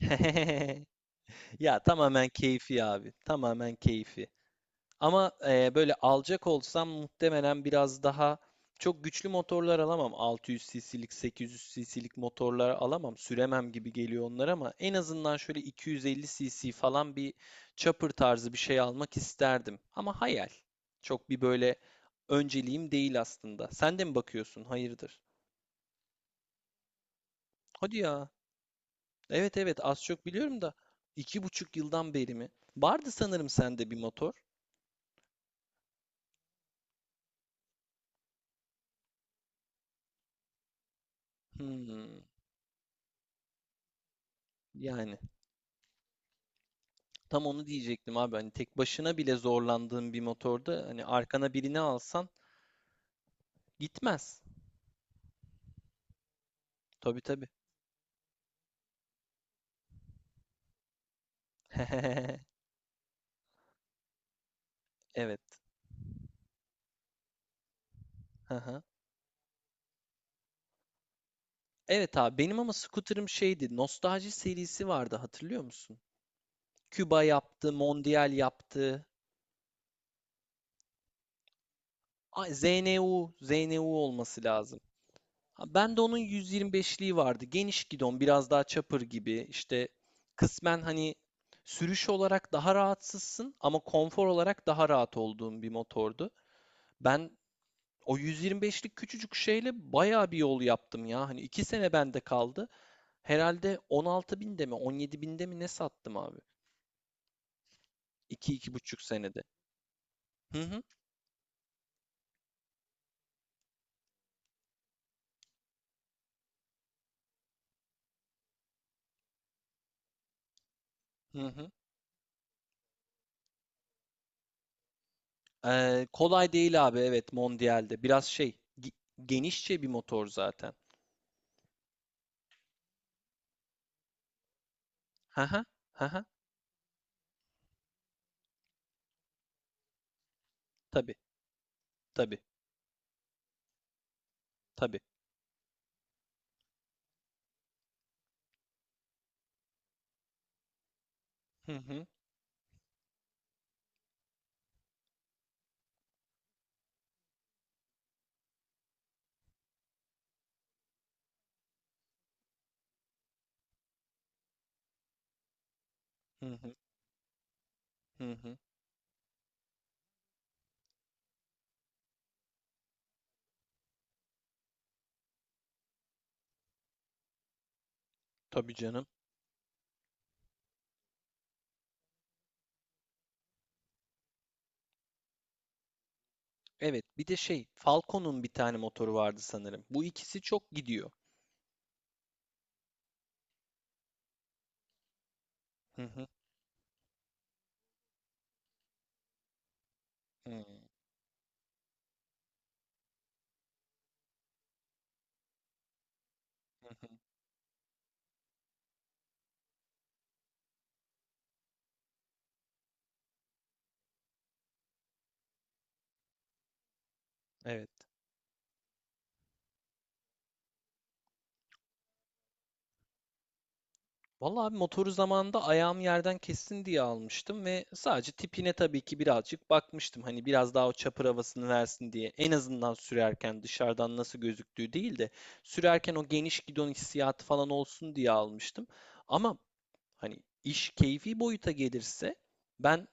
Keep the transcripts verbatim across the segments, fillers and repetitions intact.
Ya tamamen keyfi abi. Tamamen keyfi. Ama e, böyle alacak olsam muhtemelen biraz daha çok güçlü motorlar alamam. altı yüz cc'lik, sekiz yüz cc'lik motorlar alamam. Süremem gibi geliyor onlar ama en azından şöyle iki yüz elli cc falan bir chopper tarzı bir şey almak isterdim. Ama hayal. Çok bir böyle önceliğim değil aslında. Sen de mi bakıyorsun? Hayırdır? Hadi ya. Evet, evet, az çok biliyorum da iki buçuk yıldan beri mi? Vardı sanırım sende bir motor. Hmm, yani tam onu diyecektim abi. Hani tek başına bile zorlandığın bir motorda hani arkana birini alsan gitmez. Tabii, tabii. Evet. Aha. Evet abi benim ama scooter'ım şeydi. Nostalji serisi vardı, hatırlıyor musun? Küba yaptı, Mondial yaptı. Ay, Z N U, Z N U olması lazım. Ha, ben de onun yüz yirmi beşliği vardı. Geniş gidon, biraz daha chopper gibi. İşte kısmen hani sürüş olarak daha rahatsızsın ama konfor olarak daha rahat olduğun bir motordu. Ben o yüz yirmi beşlik küçücük şeyle bayağı bir yol yaptım ya. Hani iki sene bende kaldı. Herhalde on altı binde mi on yedi binde mi ne sattım abi? İki iki buçuk senede. Hı hı, hı hı. Ee, kolay değil abi, evet, Mondial'de. Biraz şey gi- genişçe bir motor zaten. Hı hı, hı hı. Tabii. Tabii, tabii. Hı hı, hı hı, hı hı. Tabii canım. Evet, bir de şey, Falcon'un bir tane motoru vardı sanırım. Bu ikisi çok gidiyor. Hı hı, hı hı, hı. Evet. Vallahi abi, motoru zamanında ayağım yerden kessin diye almıştım ve sadece tipine tabii ki birazcık bakmıştım. Hani biraz daha o çapır havasını versin diye. En azından sürerken dışarıdan nasıl gözüktüğü değil de sürerken o geniş gidon hissiyatı falan olsun diye almıştım. Ama hani iş keyfi boyuta gelirse ben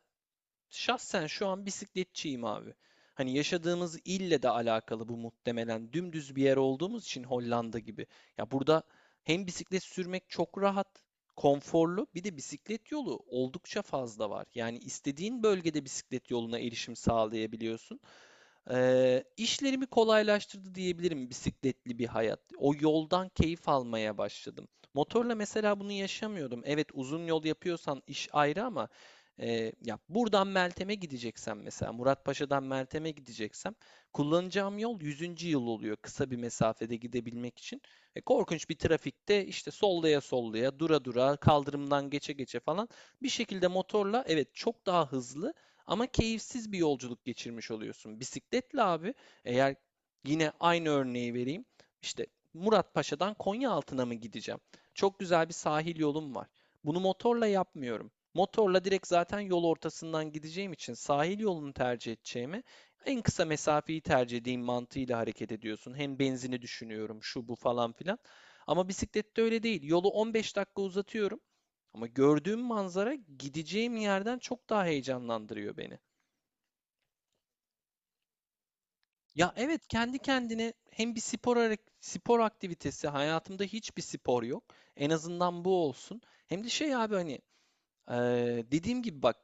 şahsen şu an bisikletçiyim abi. Hani yaşadığımız ille de alakalı bu, muhtemelen. Dümdüz bir yer olduğumuz için, Hollanda gibi. Ya burada hem bisiklet sürmek çok rahat, konforlu, bir de bisiklet yolu oldukça fazla var. Yani istediğin bölgede bisiklet yoluna erişim sağlayabiliyorsun. Eee, işlerimi kolaylaştırdı diyebilirim, bisikletli bir hayat. O yoldan keyif almaya başladım. Motorla mesela bunu yaşamıyordum. Evet, uzun yol yapıyorsan iş ayrı ama eee, ya buradan Meltem'e gideceksem, mesela Muratpaşa'dan Meltem'e gideceksem, kullanacağım yol Yüzüncü Yıl oluyor kısa bir mesafede gidebilmek için. E, korkunç bir trafikte işte sollaya sollaya, dura dura, kaldırımdan geçe geçe falan bir şekilde, motorla evet çok daha hızlı ama keyifsiz bir yolculuk geçirmiş oluyorsun. Bisikletle abi, eğer, yine aynı örneği vereyim. İşte Muratpaşa'dan Konyaaltı'na mı gideceğim? Çok güzel bir sahil yolum var. Bunu motorla yapmıyorum. Motorla direkt zaten yol ortasından gideceğim için, sahil yolunu tercih edeceğimi, en kısa mesafeyi tercih edeyim mantığıyla hareket ediyorsun. Hem benzini düşünüyorum, şu bu falan filan. Ama bisiklette öyle değil. Yolu on beş dakika uzatıyorum ama gördüğüm manzara gideceğim yerden çok daha heyecanlandırıyor beni. Ya evet, kendi kendine hem bir spor hare- spor aktivitesi, hayatımda hiçbir spor yok. En azından bu olsun. Hem de şey abi, hani eee, dediğim gibi bak,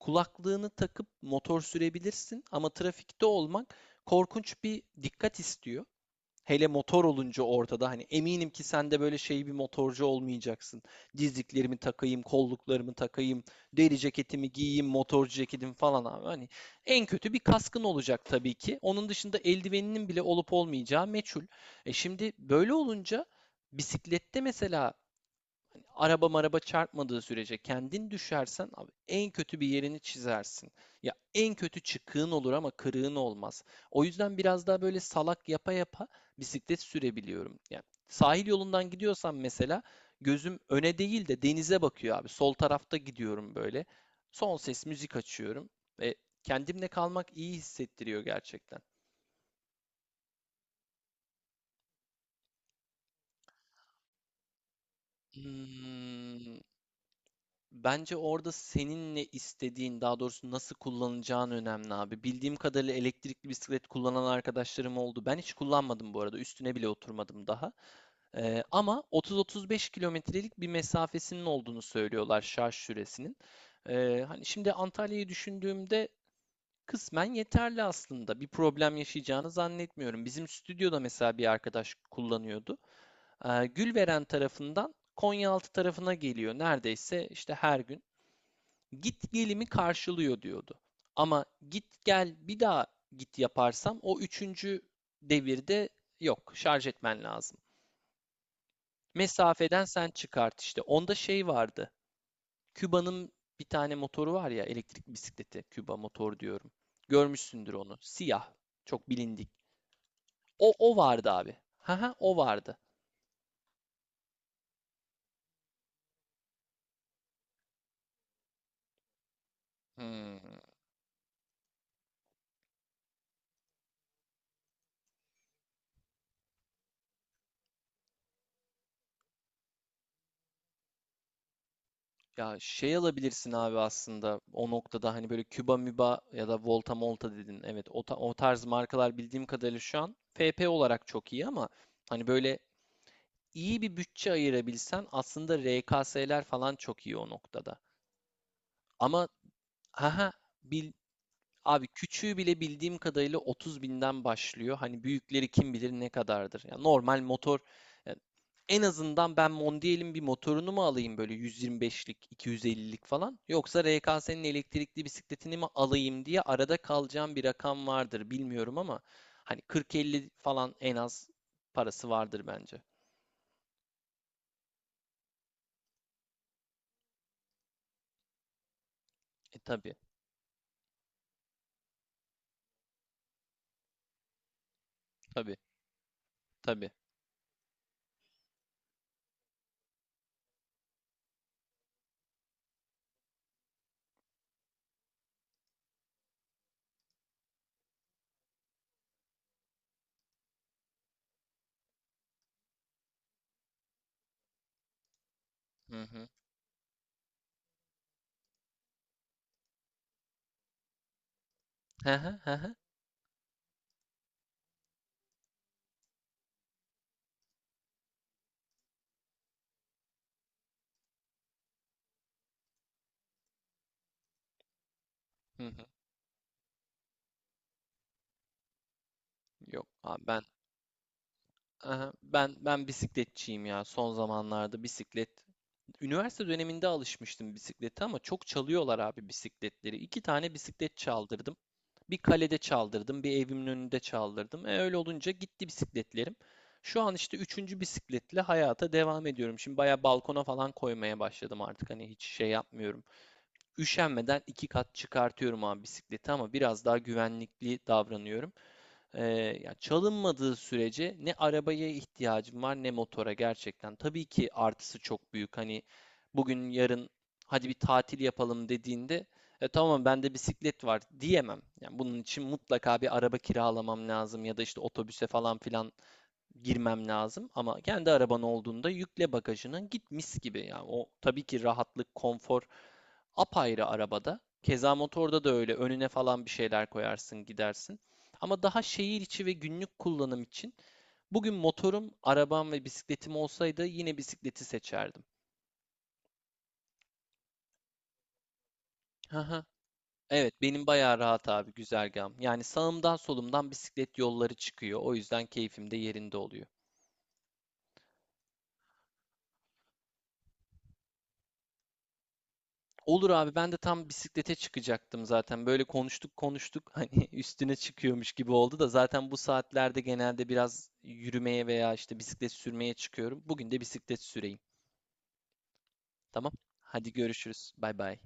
kulaklığını takıp motor sürebilirsin ama trafikte olmak korkunç bir dikkat istiyor. Hele motor olunca ortada, hani eminim ki sen de böyle şey bir motorcu olmayacaksın. Dizliklerimi takayım, kolluklarımı takayım, deri ceketimi giyeyim, motorcu ceketim falan abi. Hani en kötü bir kaskın olacak tabii ki. Onun dışında eldiveninin bile olup olmayacağı meçhul. E şimdi böyle olunca, bisiklette mesela, araba maraba çarpmadığı sürece kendin düşersen abi, en kötü bir yerini çizersin. Ya en kötü çıkığın olur ama kırığın olmaz. O yüzden biraz daha böyle salak yapa yapa bisiklet sürebiliyorum. Yani sahil yolundan gidiyorsam mesela, gözüm öne değil de denize bakıyor abi. Sol tarafta gidiyorum böyle. Son ses müzik açıyorum ve kendimle kalmak iyi hissettiriyor gerçekten. Hmm. Bence orada senin ne istediğin, daha doğrusu nasıl kullanacağın önemli abi. Bildiğim kadarıyla elektrikli bisiklet kullanan arkadaşlarım oldu. Ben hiç kullanmadım bu arada. Üstüne bile oturmadım daha. Ee, ama otuz otuz beş kilometrelik bir mesafesinin olduğunu söylüyorlar, şarj süresinin. Ee, hani şimdi Antalya'yı düşündüğümde kısmen yeterli aslında. Bir problem yaşayacağını zannetmiyorum. Bizim stüdyoda mesela bir arkadaş kullanıyordu. Ee, Gülveren tarafından Konyaaltı tarafına geliyor neredeyse, işte her gün git gelimi karşılıyor diyordu. Ama git gel bir daha git yaparsam, o üçüncü devirde yok, şarj etmen lazım. Mesafeden sen çıkart işte. Onda şey vardı. Küba'nın bir tane motoru var ya, elektrik bisikleti. Küba motor diyorum. Görmüşsündür onu. Siyah. Çok bilindik. O, o vardı abi. Haha, o vardı. Hmm. Ya şey alabilirsin abi aslında o noktada, hani böyle Küba Müba ya da Volta Molta dedin. Evet, o, ta- o tarz markalar bildiğim kadarıyla şu an F P olarak çok iyi ama hani böyle iyi bir bütçe ayırabilsen aslında R K S'ler falan çok iyi o noktada. Ama haha, bildim. Abi, küçüğü bile bildiğim kadarıyla otuz binden başlıyor. Hani büyükleri kim bilir ne kadardır. Ya normal motor, ya en azından ben Mondial'in bir motorunu mu alayım, böyle yüz yirmi beşlik, iki yüz ellilik falan, yoksa R K S'nin elektrikli bisikletini mi alayım diye arada kalacağım bir rakam vardır, bilmiyorum ama hani kırk elli falan en az parası vardır bence. E tabii, tabii, tabii. Hı hı. Hı hı, hı hı, hı hı. Yok abi, ben aha, ben ben bisikletçiyim ya son zamanlarda, bisiklet. Üniversite döneminde alışmıştım bisiklete ama çok çalıyorlar abi bisikletleri. İki tane bisiklet çaldırdım. Bir kalede çaldırdım, bir evimin önünde çaldırdım. E öyle olunca gitti bisikletlerim. Şu an işte üçüncü bisikletle hayata devam ediyorum. Şimdi baya balkona falan koymaya başladım artık. Hani hiç şey yapmıyorum. Üşenmeden iki kat çıkartıyorum abi bisikleti ama biraz daha güvenlikli davranıyorum. Ee, ya çalınmadığı sürece ne arabaya ihtiyacım var ne motora, gerçekten. Tabii ki artısı çok büyük. Hani bugün yarın hadi bir tatil yapalım dediğinde, e, tamam bende bisiklet var diyemem. Yani bunun için mutlaka bir araba kiralamam lazım ya da işte otobüse falan filan girmem lazım. Ama kendi araban olduğunda yükle bagajına, git mis gibi. Yani o tabii ki rahatlık, konfor, apayrı arabada. Keza motorda da öyle, önüne falan bir şeyler koyarsın gidersin. Ama daha şehir içi ve günlük kullanım için, bugün motorum, arabam ve bisikletim olsaydı yine bisikleti seçerdim. Haha. Evet, benim bayağı rahat abi güzergahım. Yani sağımdan solumdan bisiklet yolları çıkıyor. O yüzden keyfim de yerinde oluyor. Olur abi, ben de tam bisiklete çıkacaktım zaten. Böyle konuştuk konuştuk hani üstüne çıkıyormuş gibi oldu da, zaten bu saatlerde genelde biraz yürümeye veya işte bisiklet sürmeye çıkıyorum. Bugün de bisiklet süreyim. Tamam. Hadi görüşürüz. Bay bay.